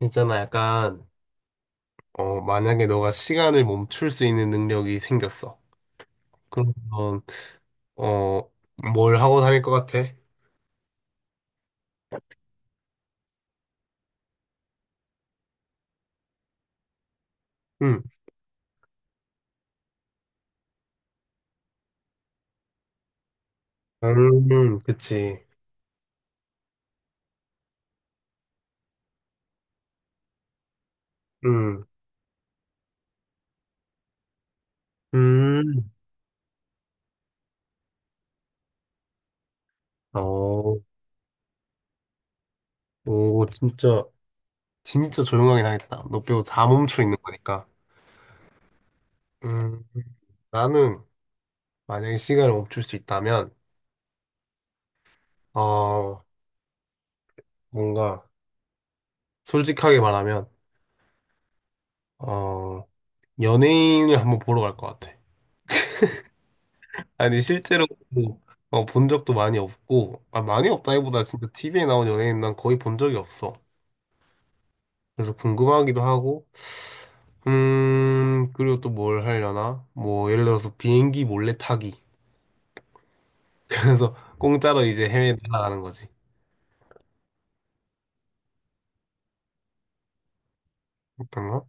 있잖아, 약간, 만약에 너가 시간을 멈출 수 있는 능력이 생겼어. 그러면, 어, 뭘 하고 다닐 것 같아? 응, 그치. 응, 음, 어, 오, 진짜, 진짜 조용하게 다녔다. 너 빼고 다 멈춰 있는 거니까. 음, 나는 만약에 시간을 멈출 수 있다면, 어, 뭔가, 솔직하게 말하면, 어, 연예인을 한번 보러 갈 것 같아. 아니 실제로 뭐, 어, 본 적도 많이 없고 아, 많이 없다기보다 진짜 TV에 나온 연예인 난 거의 본 적이 없어. 그래서 궁금하기도 하고 그리고 또 뭘 하려나? 뭐 예를 들어서 비행기 몰래 타기. 그래서 공짜로 이제 해외 나가는 거지. 어떤 거?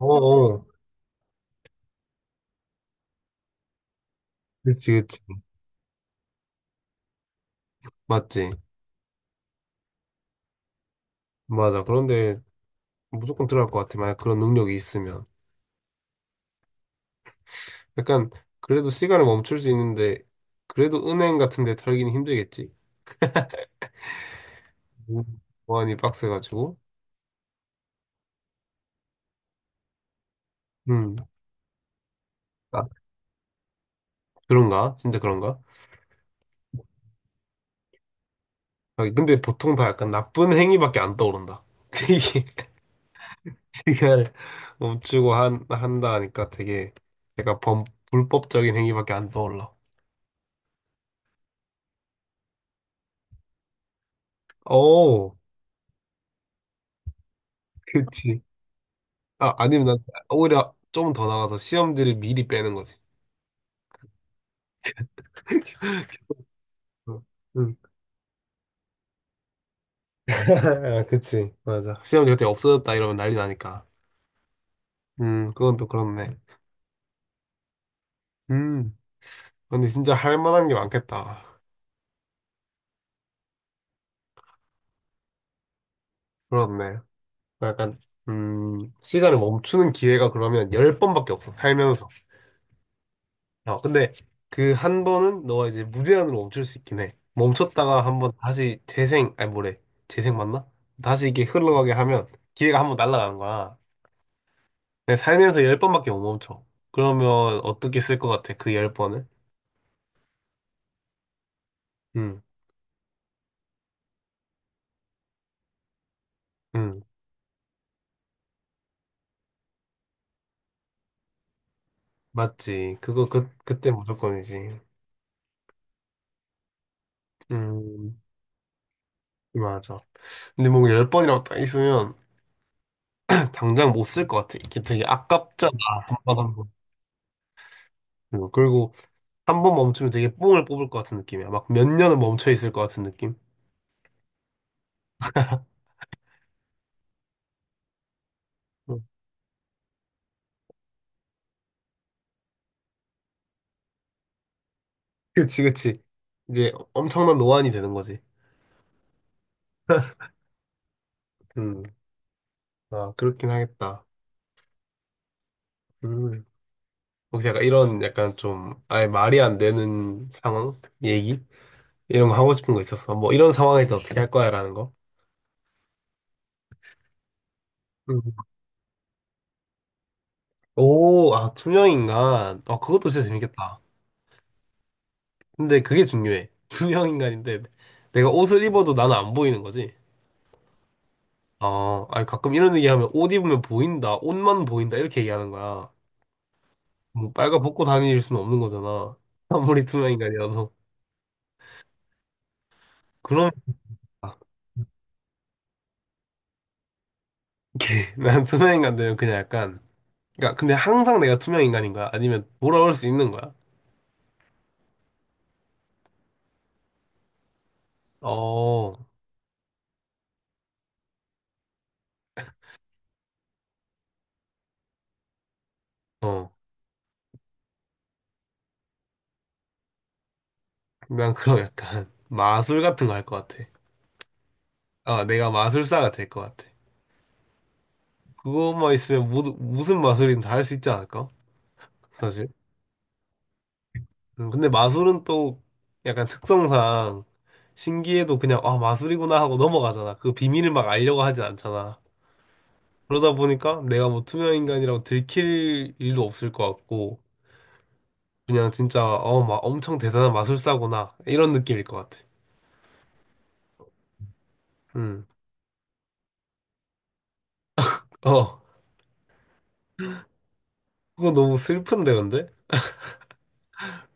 어어 그치 그치 맞지 맞아. 그런데 무조건 들어갈 것 같아. 만약 그런 능력이 있으면 약간 그래도 시간을 멈출 수 있는데 그래도 은행 같은 데 털기는 힘들겠지. 음, 보안이 빡세가지고. 음. 아, 그런가? 진짜 그런가? 아, 근데 보통 다 약간 나쁜 행위밖에 안 떠오른다. 되게 시간을 멈추고 한다 하니까 되게 약간 불법적인 행위밖에 안 떠올라. 오, 그치. 아, 아니면 난 오히려 좀 더 나가서 시험지를 미리 빼는 거지. 응. 응. 아, 그치. 맞아. 시험지 갑자기 없어졌다 이러면 난리 나니까. 그건 또 그렇네. 음, 근데 진짜 할 만한 게 많겠다. 그렇네. 그 약간 시간을 멈추는 기회가 그러면 열 번밖에 없어 살면서. 어 근데 그 한 번은 너가 이제 무제한으로 멈출 수 있긴 해. 멈췄다가 한번 다시 재생 아니 뭐래 재생 맞나? 다시 이게 흘러가게 하면 기회가 한번 날아가는 거야. 근데 살면서 열 번밖에 못 멈춰. 그러면 어떻게 쓸 것 같아 그 10번을? 응, 응 맞지. 그거 그 그때 무조건이지. 음 맞아. 근데 뭔가 10번이라고 딱 있으면 당장 못 쓸 것 같아. 이게 되게 아깝잖아. 한번 한 번. 응, 그리고 한 번 멈추면 되게 뽕을 뽑을 것 같은 느낌이야. 막 몇 년은 멈춰 있을 것 같은 느낌. 응. 그치, 그치. 이제 엄청난 노안이 되는 거지. 음, 아, 그렇긴 하겠다. 음. 혹시 약간 이런 약간 좀 아예 말이 안 되는 상황? 얘기? 이런 거 하고 싶은 거 있었어. 뭐 이런 상황에서 어떻게 할 거야? 라는 거. 음. 오, 아, 투명 인간. 아, 그것도 진짜 재밌겠다. 근데 그게 중요해. 투명 인간인데 내가 옷을 입어도 나는 안 보이는 거지. 아, 아니 가끔 이런 얘기하면 옷 입으면 보인다, 옷만 보인다 이렇게 얘기하는 거야. 뭐 빨간 벗고 다닐 수는 없는 거잖아. 아무리 투명 인간이라도. 그럼 이렇게 난 투명 인간 되면 그냥 약간 그러니까 근데 항상 내가 투명 인간인 거야? 아니면 돌아올 수 있는 거야? 어, 어. 난 그럼 약간 마술 같은 거 할 것 같아. 아, 내가 마술사가 될 것 같아. 그것만 있으면 모두, 무슨 마술이든 다 할 수 있지 않을까? 사실. 근데 마술은 또 약간 특성상 신기해도 그냥 아 마술이구나 하고 넘어가잖아. 그 비밀을 막 알려고 하진 않잖아. 그러다 보니까 내가 뭐 투명 인간이라고 들킬 일도 없을 것 같고 그냥 진짜 어 막 엄청 대단한 마술사구나 이런 느낌일 것 같아. 음, 어 그거 너무 슬픈데 근데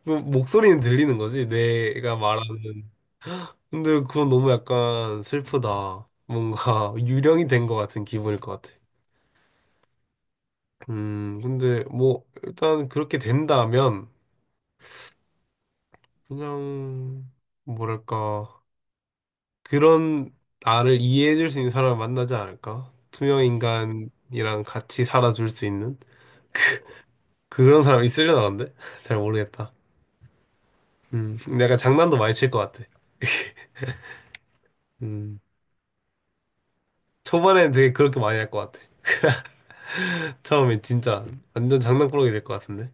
그 목소리는 들리는 거지 내가 말하는. 근데 그건 너무 약간 슬프다. 뭔가 유령이 된 것 같은 기분일 것 같아. 근데 뭐 일단 그렇게 된다면 그냥 뭐랄까 그런 나를 이해해줄 수 있는 사람을 만나지 않을까? 투명 인간이랑 같이 살아줄 수 있는 그런 사람이 있으려나 근데 잘 모르겠다. 근데 약간 장난도 많이 칠 것 같아. 음, 초반에는 되게 그렇게 많이 할 것 같아. 처음엔 진짜 완전 장난꾸러기 될 것 같은데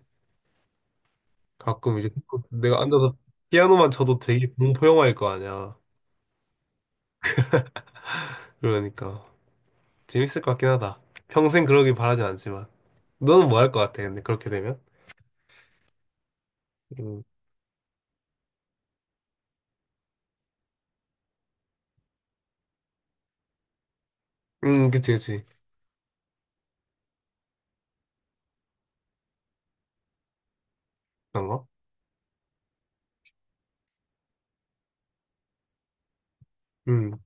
가끔 이제 내가 앉아서 피아노만 쳐도 되게 공포 영화일 거 아니야. 그러니까. 재밌을 것 같긴 하다. 평생 그러길 바라진 않지만. 너는 뭐 할 것 같아, 근데, 그렇게 되면? 음, 그치, 그치. 그런 거? 음,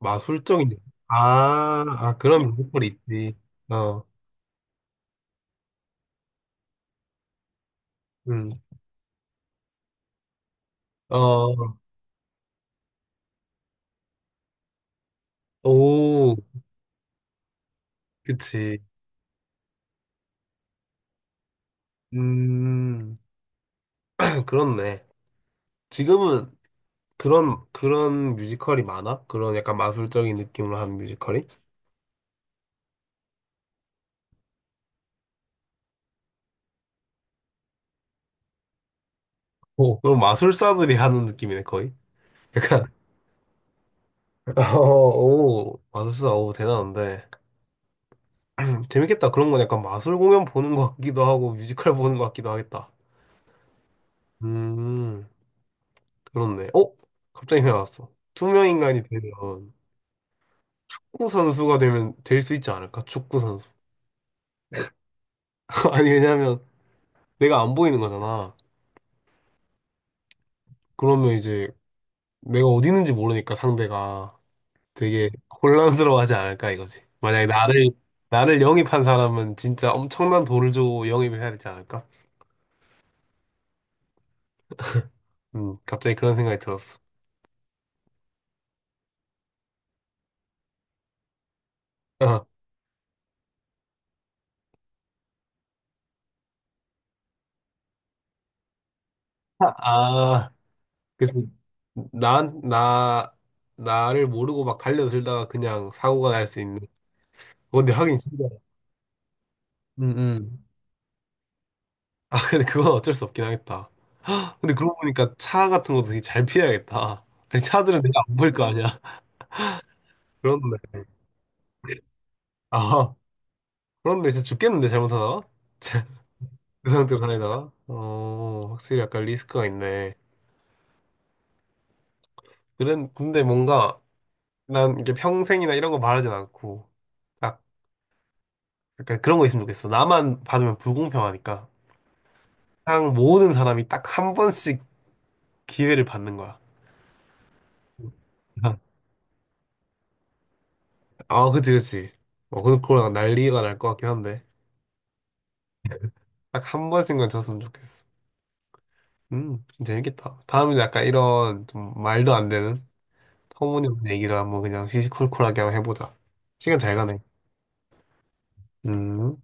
마술적인. 일. 아, 아, 그런 로컬이 있지. 어, 음, 어, 오, 그치. 음, 그렇네. 지금은 그런, 그런 뮤지컬이 많아? 그런 약간 마술적인 느낌으로 한 뮤지컬이? 오, 그럼 마술사들이 하는 느낌이네, 거의. 어, 오, 마술사, 오, 대단한데. 재밌겠다. 그런 건 약간 마술 공연 보는 것 같기도 하고 뮤지컬 보는 것 같기도 하겠다. 음, 그렇네. 어? 갑자기 생각났어. 투명 인간이 되면 축구 선수가 되면 될 수 있지 않을까? 축구 선수. 아니 왜냐면 내가 안 보이는 거잖아. 그러면 이제 내가 어디 있는지 모르니까 상대가 되게 혼란스러워하지 않을까 이거지. 만약에 나를 나를 영입한 사람은 진짜 엄청난 돈을 주고 영입을 해야 되지 않을까? 갑자기 그런 생각이 들었어. 아, 그래서 나, 나, 나를 모르고 막 달려들다가 그냥 사고가 날 수 있는. 근데 하긴 진짜. 음, 음. 아, 근데 그건 어쩔 수 없긴 하겠다. 근데 그러고 보니까 차 같은 것도 되게 잘 피해야겠다. 아니, 차들은 내가 안 보일 거 아니야. 그런데. 아, 그런데 진짜 죽겠는데, 잘못하다가? 그 상태로 가려다가? 어, 확실히 약간 리스크가 있네. 그런, 근데 뭔가 난 이게 평생이나 이런 거 바라진 않고, 딱 약간 그런 거 있으면 좋겠어. 나만 받으면 불공평하니까. 세상 모든 사람이 딱 한 번씩 기회를 받는 거야. 아, 아, 그치, 그치. 어, 근데 그걸 난리가 날 것 같긴 한데. 딱 한 번씩만 졌으면 좋겠어. 재밌겠다. 다음은 약간 이런 좀 말도 안 되는 터무니없는 얘기를 한번 그냥 시시콜콜하게 한번 해보자. 시간 잘 가네. 음.